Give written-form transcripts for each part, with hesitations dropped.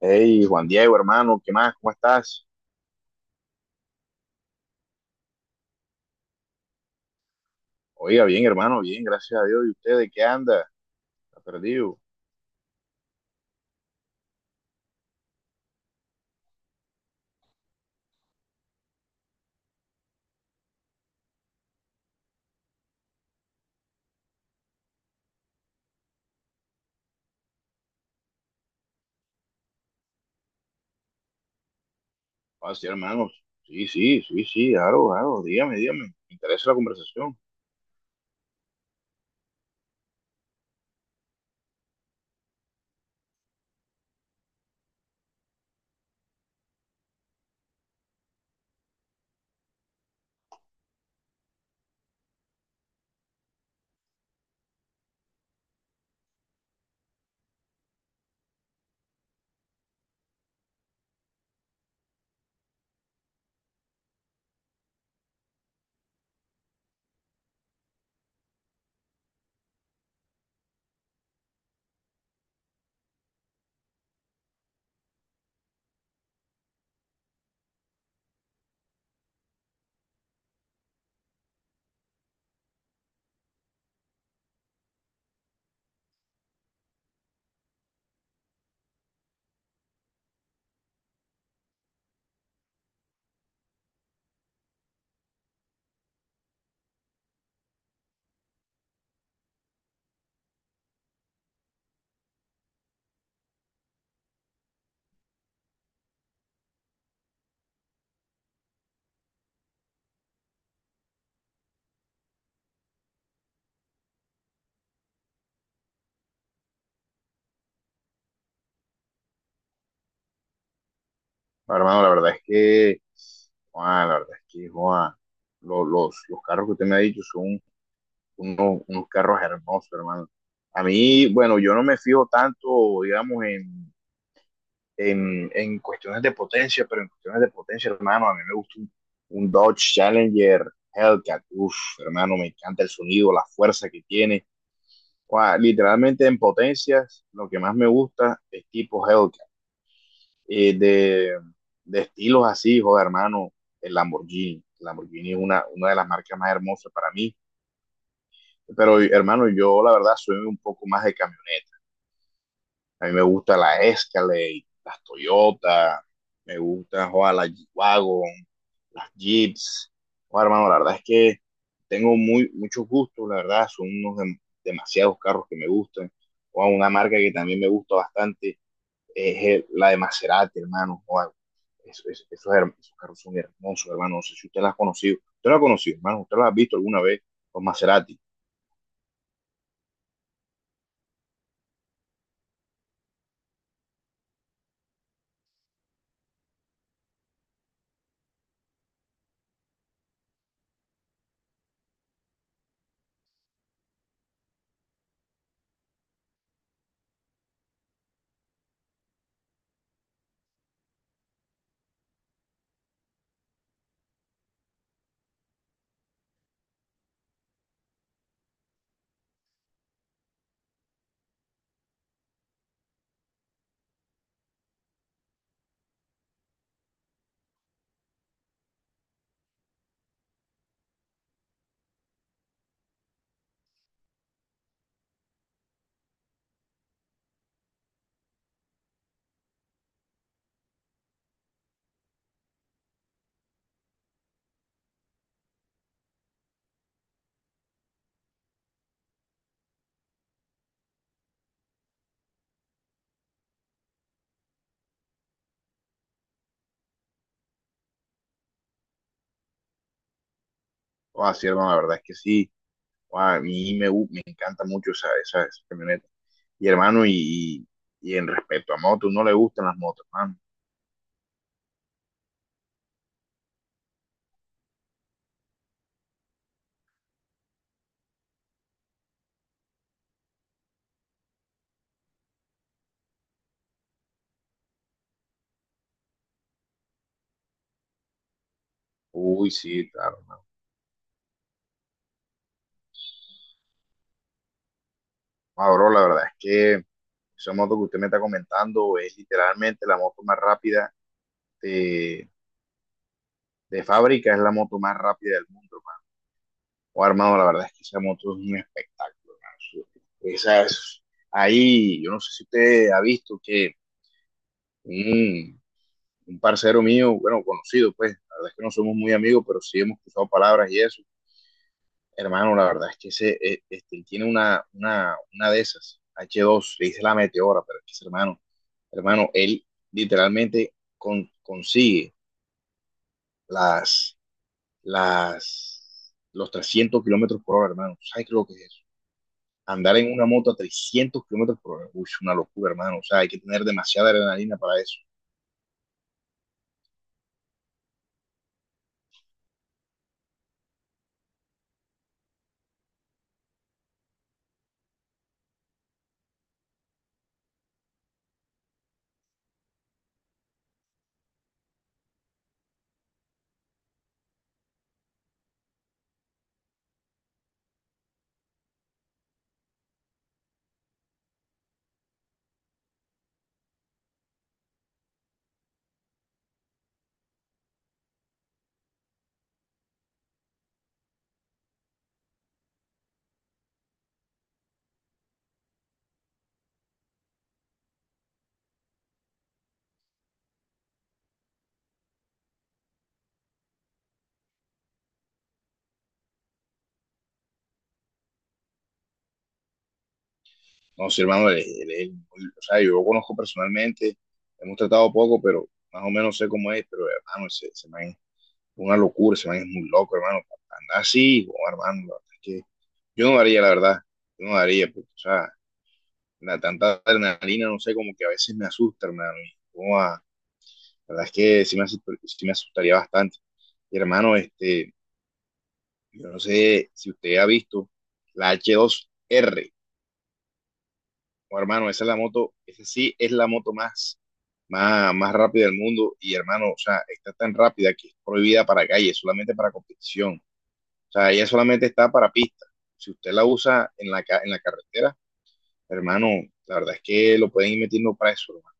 Hey, Juan Diego, hermano, ¿qué más? ¿Cómo estás? Oiga, bien, hermano, bien, gracias a Dios. ¿Y usted de qué anda? ¿Está perdido? Ah, sí, hermano. Sí, sí, sí, sí, claro, claro. Dígame, dígame. Me interesa la conversación. Ah, hermano, la verdad es que, Juan, los carros que usted me ha dicho son unos carros hermosos, hermano. A mí, bueno, yo no me fijo tanto, digamos, en cuestiones de potencia, pero en cuestiones de potencia, hermano, a mí me gusta un Dodge Challenger Hellcat. Uff, hermano, me encanta el sonido, la fuerza que tiene. Wow, literalmente en potencias, lo que más me gusta es tipo Hellcat. Eh, de, de estilos así, joder, hermano, el Lamborghini. El Lamborghini es una de las marcas más hermosas para mí. Pero, hermano, yo la verdad soy un poco más de camioneta. A mí me gusta la Escalade, las Toyota, me gusta joder, la G-Wagon, las Jeeps. Joder, hermano, la verdad es que tengo muchos gustos, la verdad, son unos demasiados carros que me gustan. Joder, una marca que también me gusta bastante es la de Maserati, hermano. Joder, esos esos carros son hermosos, hermano. No sé si usted las ha conocido. ¿Usted las ha conocido, hermano? ¿Usted las ha visto alguna vez? Los Maserati. Joder, sí, hermano, la verdad es que sí. Guau, a mí me, gu- me encanta mucho esa esa camioneta. Y hermano, y en respecto a motos, no le gustan las motos, hermano. Uy, sí, claro, hermano. Ah, bro, la verdad es que esa moto que usted me está comentando es literalmente la moto más rápida de, de fábrica, es la moto más rápida del mundo, hermano. Oh, hermano, la verdad es que esa moto es un espectáculo, hermano. Esa es, ahí, yo no sé si usted ha visto que un un parcero mío, bueno, conocido, pues, la verdad es que no somos muy amigos, pero sí hemos cruzado palabras y eso. Hermano, la verdad es que ese, él tiene una una de esas, H2, le dice la meteora, pero es que ese hermano, hermano, él literalmente consigue las, los 300 kilómetros por hora, hermano. ¿Sabes qué es lo que es eso? Andar en una moto a 300 kilómetros por hora, uy, es una locura, hermano. O sea, hay que tener demasiada adrenalina para eso. No, sí, hermano, o sea, yo lo conozco personalmente, hemos tratado poco, pero más o menos sé cómo es, pero hermano, ese man es una locura, ese man es muy loco, hermano, para andar así, oh, hermano, la verdad es que yo no daría, la verdad, yo no daría, porque, o sea, la tanta adrenalina, no sé, como que a veces me asusta, hermano, la verdad es que sí sí me asustaría bastante. Y hermano, este, yo no sé si usted ha visto la H2R o hermano, esa es la moto, esa sí es la moto más más rápida del mundo. Y hermano, o sea, está tan rápida que es prohibida para calle, solamente para competición. O sea, ella solamente está para pista. Si usted la usa en en la carretera, hermano, la verdad es que lo pueden ir metiendo preso, hermano.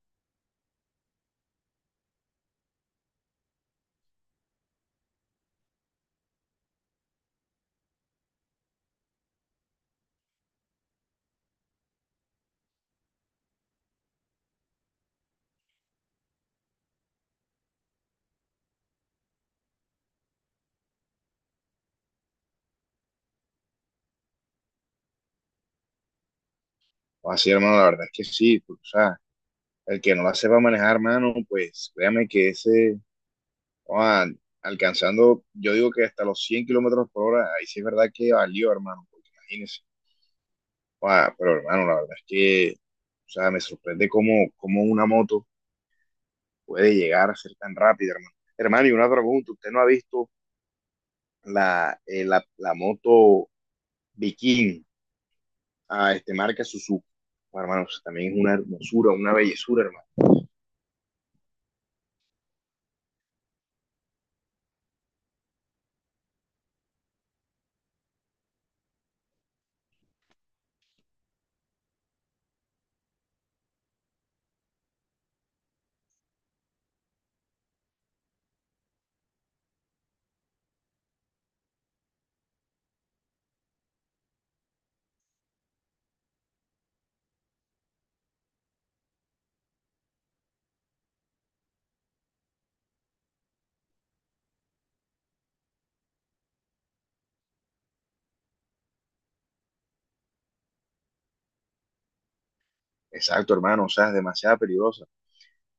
O así, hermano, la verdad es que sí. Porque, o sea, el que no la sepa manejar, hermano, pues créame que ese, ah, alcanzando, yo digo que hasta los 100 kilómetros por hora, ahí sí es verdad que valió, hermano, porque imagínese. Ah, pero hermano, la verdad es que, o sea, me sorprende cómo una moto puede llegar a ser tan rápida, hermano. Hermano, y una pregunta, ¿usted no ha visto la moto Viking a este marca Suzuki? Bueno, hermano, o sea, también es una hermosura, una bellezura, hermano. Exacto, hermano, o sea, es demasiado peligrosa.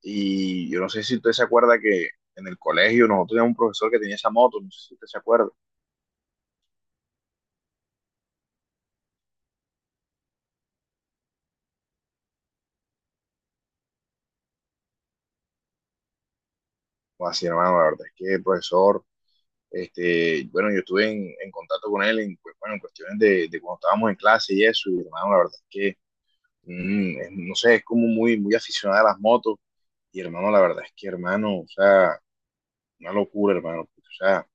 Y yo no sé si usted se acuerda que en el colegio nosotros teníamos un profesor que tenía esa moto, no sé si usted se acuerda. O así, hermano, la verdad es que el profesor, este, bueno, yo estuve en contacto con él en, pues, bueno, en cuestiones de cuando estábamos en clase y eso, y hermano, la verdad es que mm, no sé, es como muy aficionada a las motos. Y hermano, la verdad es que hermano, o sea, una locura, hermano. Porque, o sea,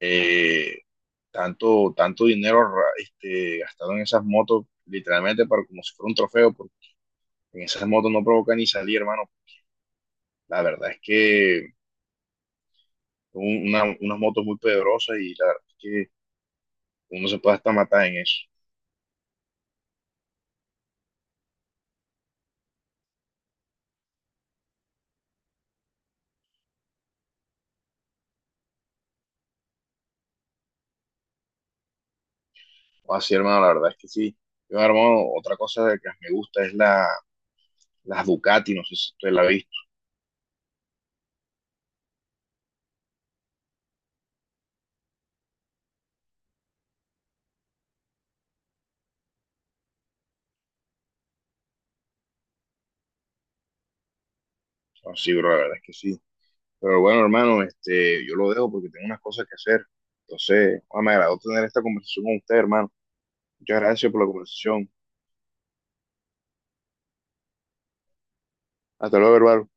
eh, tanto dinero gastado en esas motos, literalmente para, como si fuera un trofeo, porque en esas motos no provoca ni salir, hermano. La verdad es que son unas motos muy poderosas y la verdad es que uno se puede hasta matar en eso. O así, hermano, la verdad es que sí. Yo, hermano, otra cosa que me gusta es las Ducati, no sé si usted la ha visto. No, sí, bro, la verdad es que sí. Pero bueno, hermano, este, yo lo dejo porque tengo unas cosas que hacer. Entonces, ah, me agradó tener esta conversación con usted, hermano. Muchas gracias por la conversación. Hasta luego, hermano.